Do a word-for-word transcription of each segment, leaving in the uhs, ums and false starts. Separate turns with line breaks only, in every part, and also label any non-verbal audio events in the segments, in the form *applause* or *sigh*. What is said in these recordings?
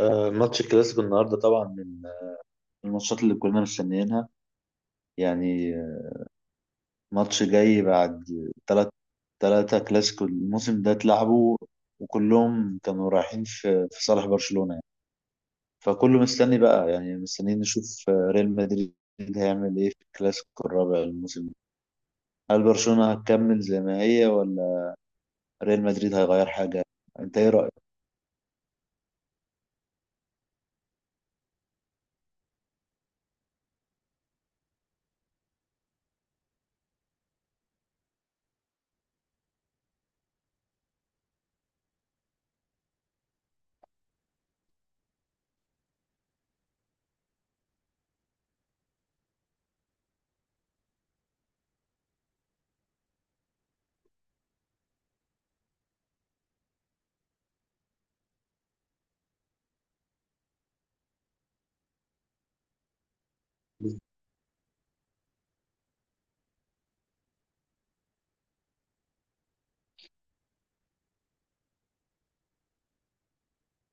آه، ماتش الكلاسيكو النهارده طبعا من الماتشات اللي كنا مستنيينها. يعني آه، ماتش جاي بعد تلات تلاتة كلاسيكو الموسم ده اتلعبوا، وكلهم كانوا رايحين في في صالح برشلونة يعني. فكله مستني بقى، يعني مستنيين نشوف آه، ريال مدريد هيعمل ايه في الكلاسيكو الرابع الموسم ده. هل برشلونة هتكمل زي ما هي، ولا ريال مدريد هيغير حاجة؟ انت ايه رأيك؟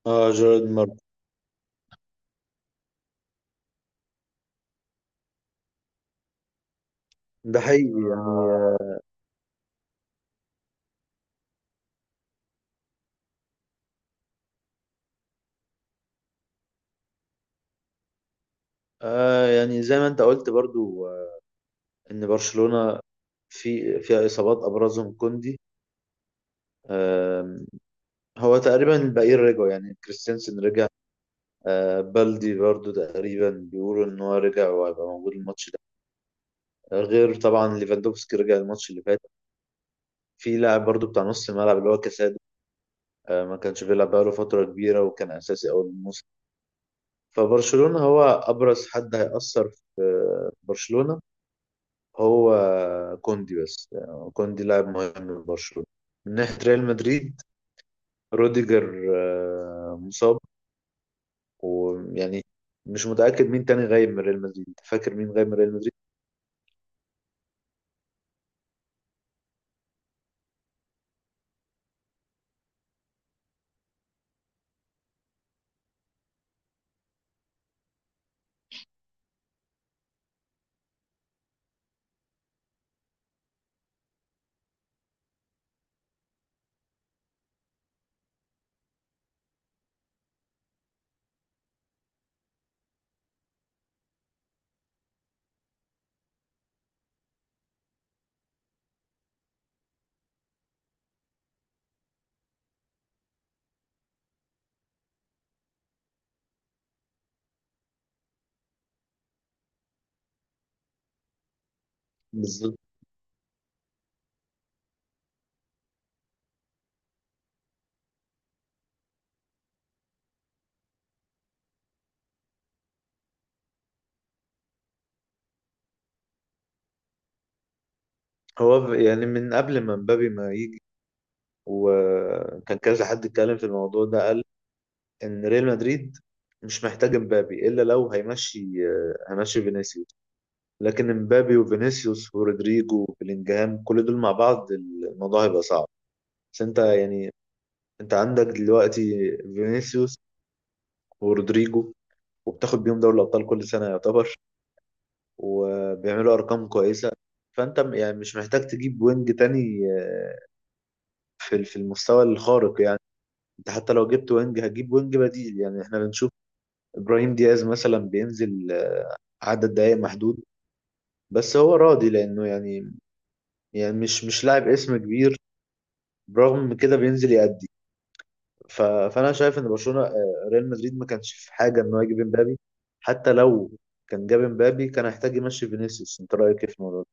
اه، جيرارد مارتن ده حقيقي يعني. آه يعني زي ما انت قلت برضو ان برشلونة في فيها اصابات ابرزهم كوندي. آم، هو تقريبا الباقيين رجعوا، يعني كريستيانسن رجع، آه، بالدي برضو تقريبا بيقولوا ان هو رجع وهيبقى موجود الماتش ده، غير طبعا ليفاندوفسكي رجع الماتش اللي فات. في لاعب برضو بتاع نص الملعب اللي هو كاسادو، آه، ما كانش بيلعب بقاله فترة كبيرة وكان اساسي اول الموسم. فبرشلونة هو ابرز حد هيأثر في في برشلونة هو كوندي، بس يعني كوندي لاعب مهم لبرشلونة. من ناحية ريال مدريد، روديجر آه، مصاب. ويعني مش متأكد مين تاني غايب من ريال مدريد، فاكر مين غايب من ريال مدريد؟ بالظبط. هو ب- يعني من قبل ما مبابي ما يجي وكان كذا حد اتكلم في الموضوع ده، قال ان ريال مدريد مش محتاج مبابي الا لو هيمشي، آه، هيمشي فينيسيوس. لكن مبابي وفينيسيوس ورودريجو وبلينجهام كل دول مع بعض الموضوع هيبقى صعب. بس انت يعني، انت عندك دلوقتي فينيسيوس ورودريجو، وبتاخد بيهم دوري الابطال كل سنه يعتبر، وبيعملوا ارقام كويسه. فانت م- يعني مش محتاج تجيب وينج تاني، آه، في ال- في المستوى الخارق يعني. انت حتى لو جبت وينج هتجيب وينج بديل، يعني احنا بنشوف ابراهيم دياز مثلا بينزل آه، عدد دقائق محدود، بس هو راضي لانه يعني، يعني مش مش لاعب اسم كبير، برغم كده بينزل يأدي. ف- فانا شايف ان برشلونه، آه، ريال مدريد ما كانش في حاجه انه يجيب امبابي، حتى لو كان جاب امبابي كان هيحتاج يمشي فينيسيوس. انت رايك ايه في الموضوع ده؟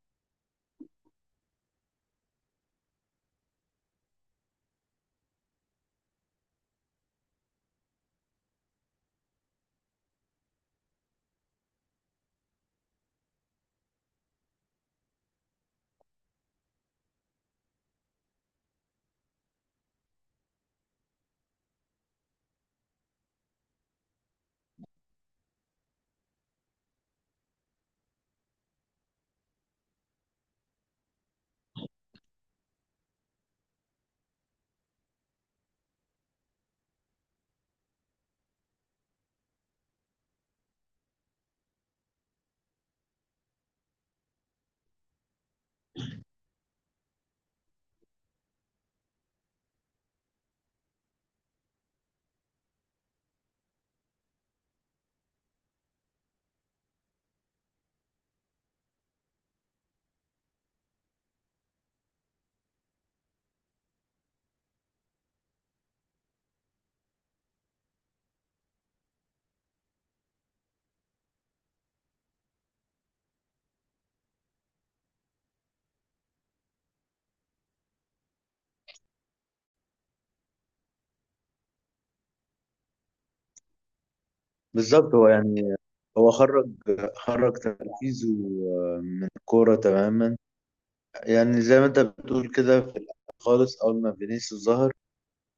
بالظبط. هو يعني، هو خرج خرج تركيزه من الكورة تماما. يعني زي ما انت بتقول كده، في الأول خالص أول ما فينيسيوس ظهر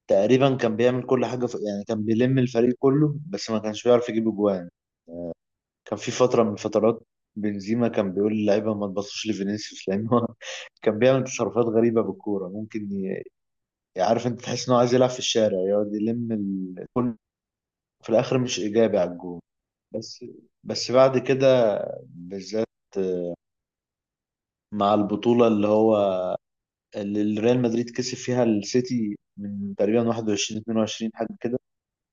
تقريبا كان بيعمل كل حاجة في، يعني كان بيلم الفريق كله بس ما كانش بيعرف يجيب أجوان. كان في فترة من الفترات بنزيما كان بيقول للعيبة ما تبصوش لفينيسيوس، لأن هو *laughs* كان بيعمل تصرفات غريبة بالكورة ممكن ي- عارف، انت تحس إن هو عايز يلعب في الشارع، يقعد يلم ال- كل، في الآخر مش إيجابي على الجول. بس بس بعد كده بالذات، مع البطولة اللي هو، اللي ريال مدريد كسب فيها السيتي من تقريبا واحد وعشرين اتنين وعشرين حاجة كده،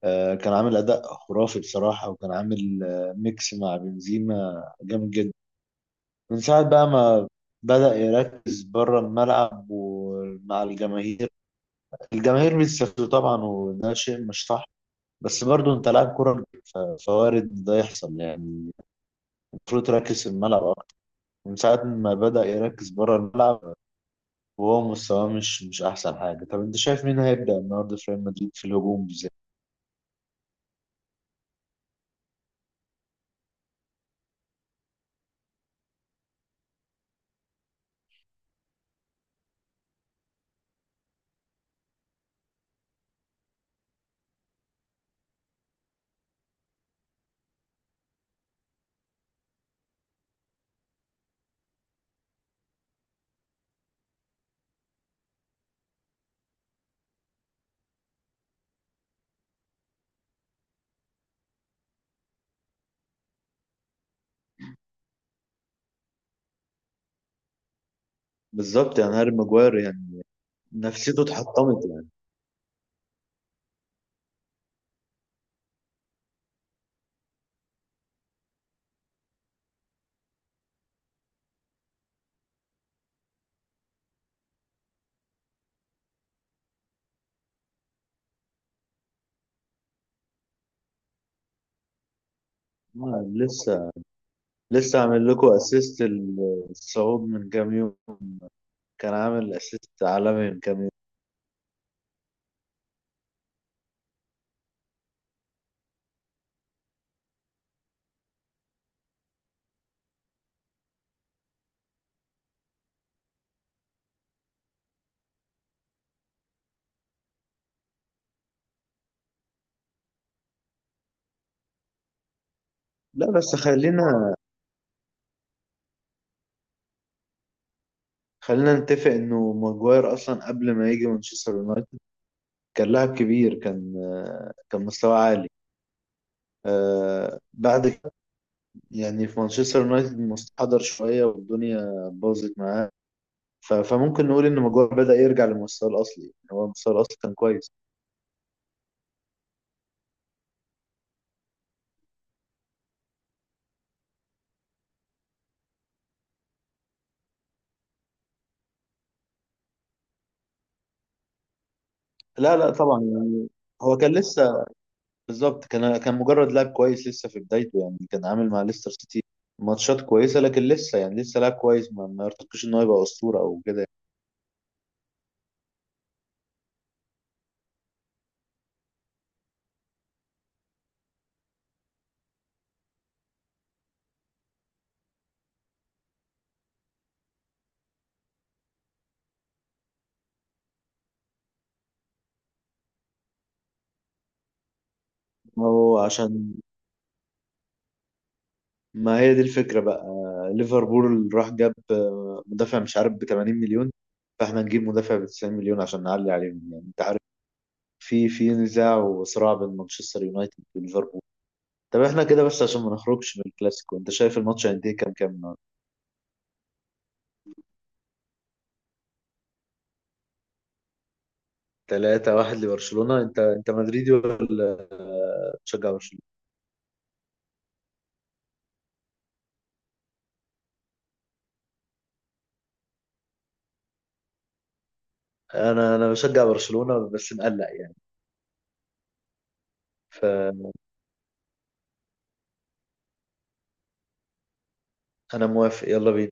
آه، كان عامل أداء خرافي بصراحة، وكان عامل آه، ميكس مع بنزيما جامد جدا. من ساعة بقى ما بدأ يركز بره الملعب ومع الجماهير. الجماهير بيستفزوا طبعا وده شيء مش صح، بس برضه انت لاعب كرة، ف- فوارد ده يحصل يعني. المفروض تركز في الملعب. من ساعة ما بدأ يركز بره الملعب وهو مستواه مش مش أحسن حاجة. طب أنت شايف مين هيبدأ النهاردة في ريال مدريد في الهجوم بالذات؟ بالظبط، يعني هاري ماجواير يعني نفسيته اتحطمت يعني. آه، لسه لسه عامل لكم اسيست الصعود من كام يوم، كان عامل اسيست عالمي من كام يوم. لا، بس خلينا خلينا نتفق انه ماجواير اصلا قبل ما يجي مانشستر يونايتد كان لاعب كبير، كان آه، كان مستواه عالي. آه، بعد يعني في مانشستر يونايتد مستحضر شوية والدنيا باظت معاه. ف- فممكن نقول إن ماجواير بدأ يرجع لمستواه الأصلي. يعني هو مستواه الأصلي كان كويس. لا لا، طبعا يعني، هو كان لسه، بالظبط، كان كان مجرد لاعب كويس لسه في بدايته، يعني كان عامل مع ليستر سيتي ماتشات كويسة، لكن لسه يعني لسه لاعب كويس ما, ما يرتقيش إن هو يبقى أسطورة أو كده. ما هو عشان، ما هي دي الفكرة بقى. ليفربول راح جاب آه، مدافع مش عارف ب تمانين مليون، فاحنا نجيب مدافع ب تسعين مليون عشان نعلي عليهم يعني. انت عارف في في نزاع وصراع بين مانشستر يونايتد وليفربول. طب احنا كده بس عشان ما نخرجش من الكلاسيكو، انت شايف الماتش قد ايه، كام كام النهارده؟ تلاتة واحد لبرشلونة. انت انت مدريدي ولا بتشجع برشلونة؟ انا انا بشجع برشلونة بس مقلق يعني. فانا موافق، يلا بينا.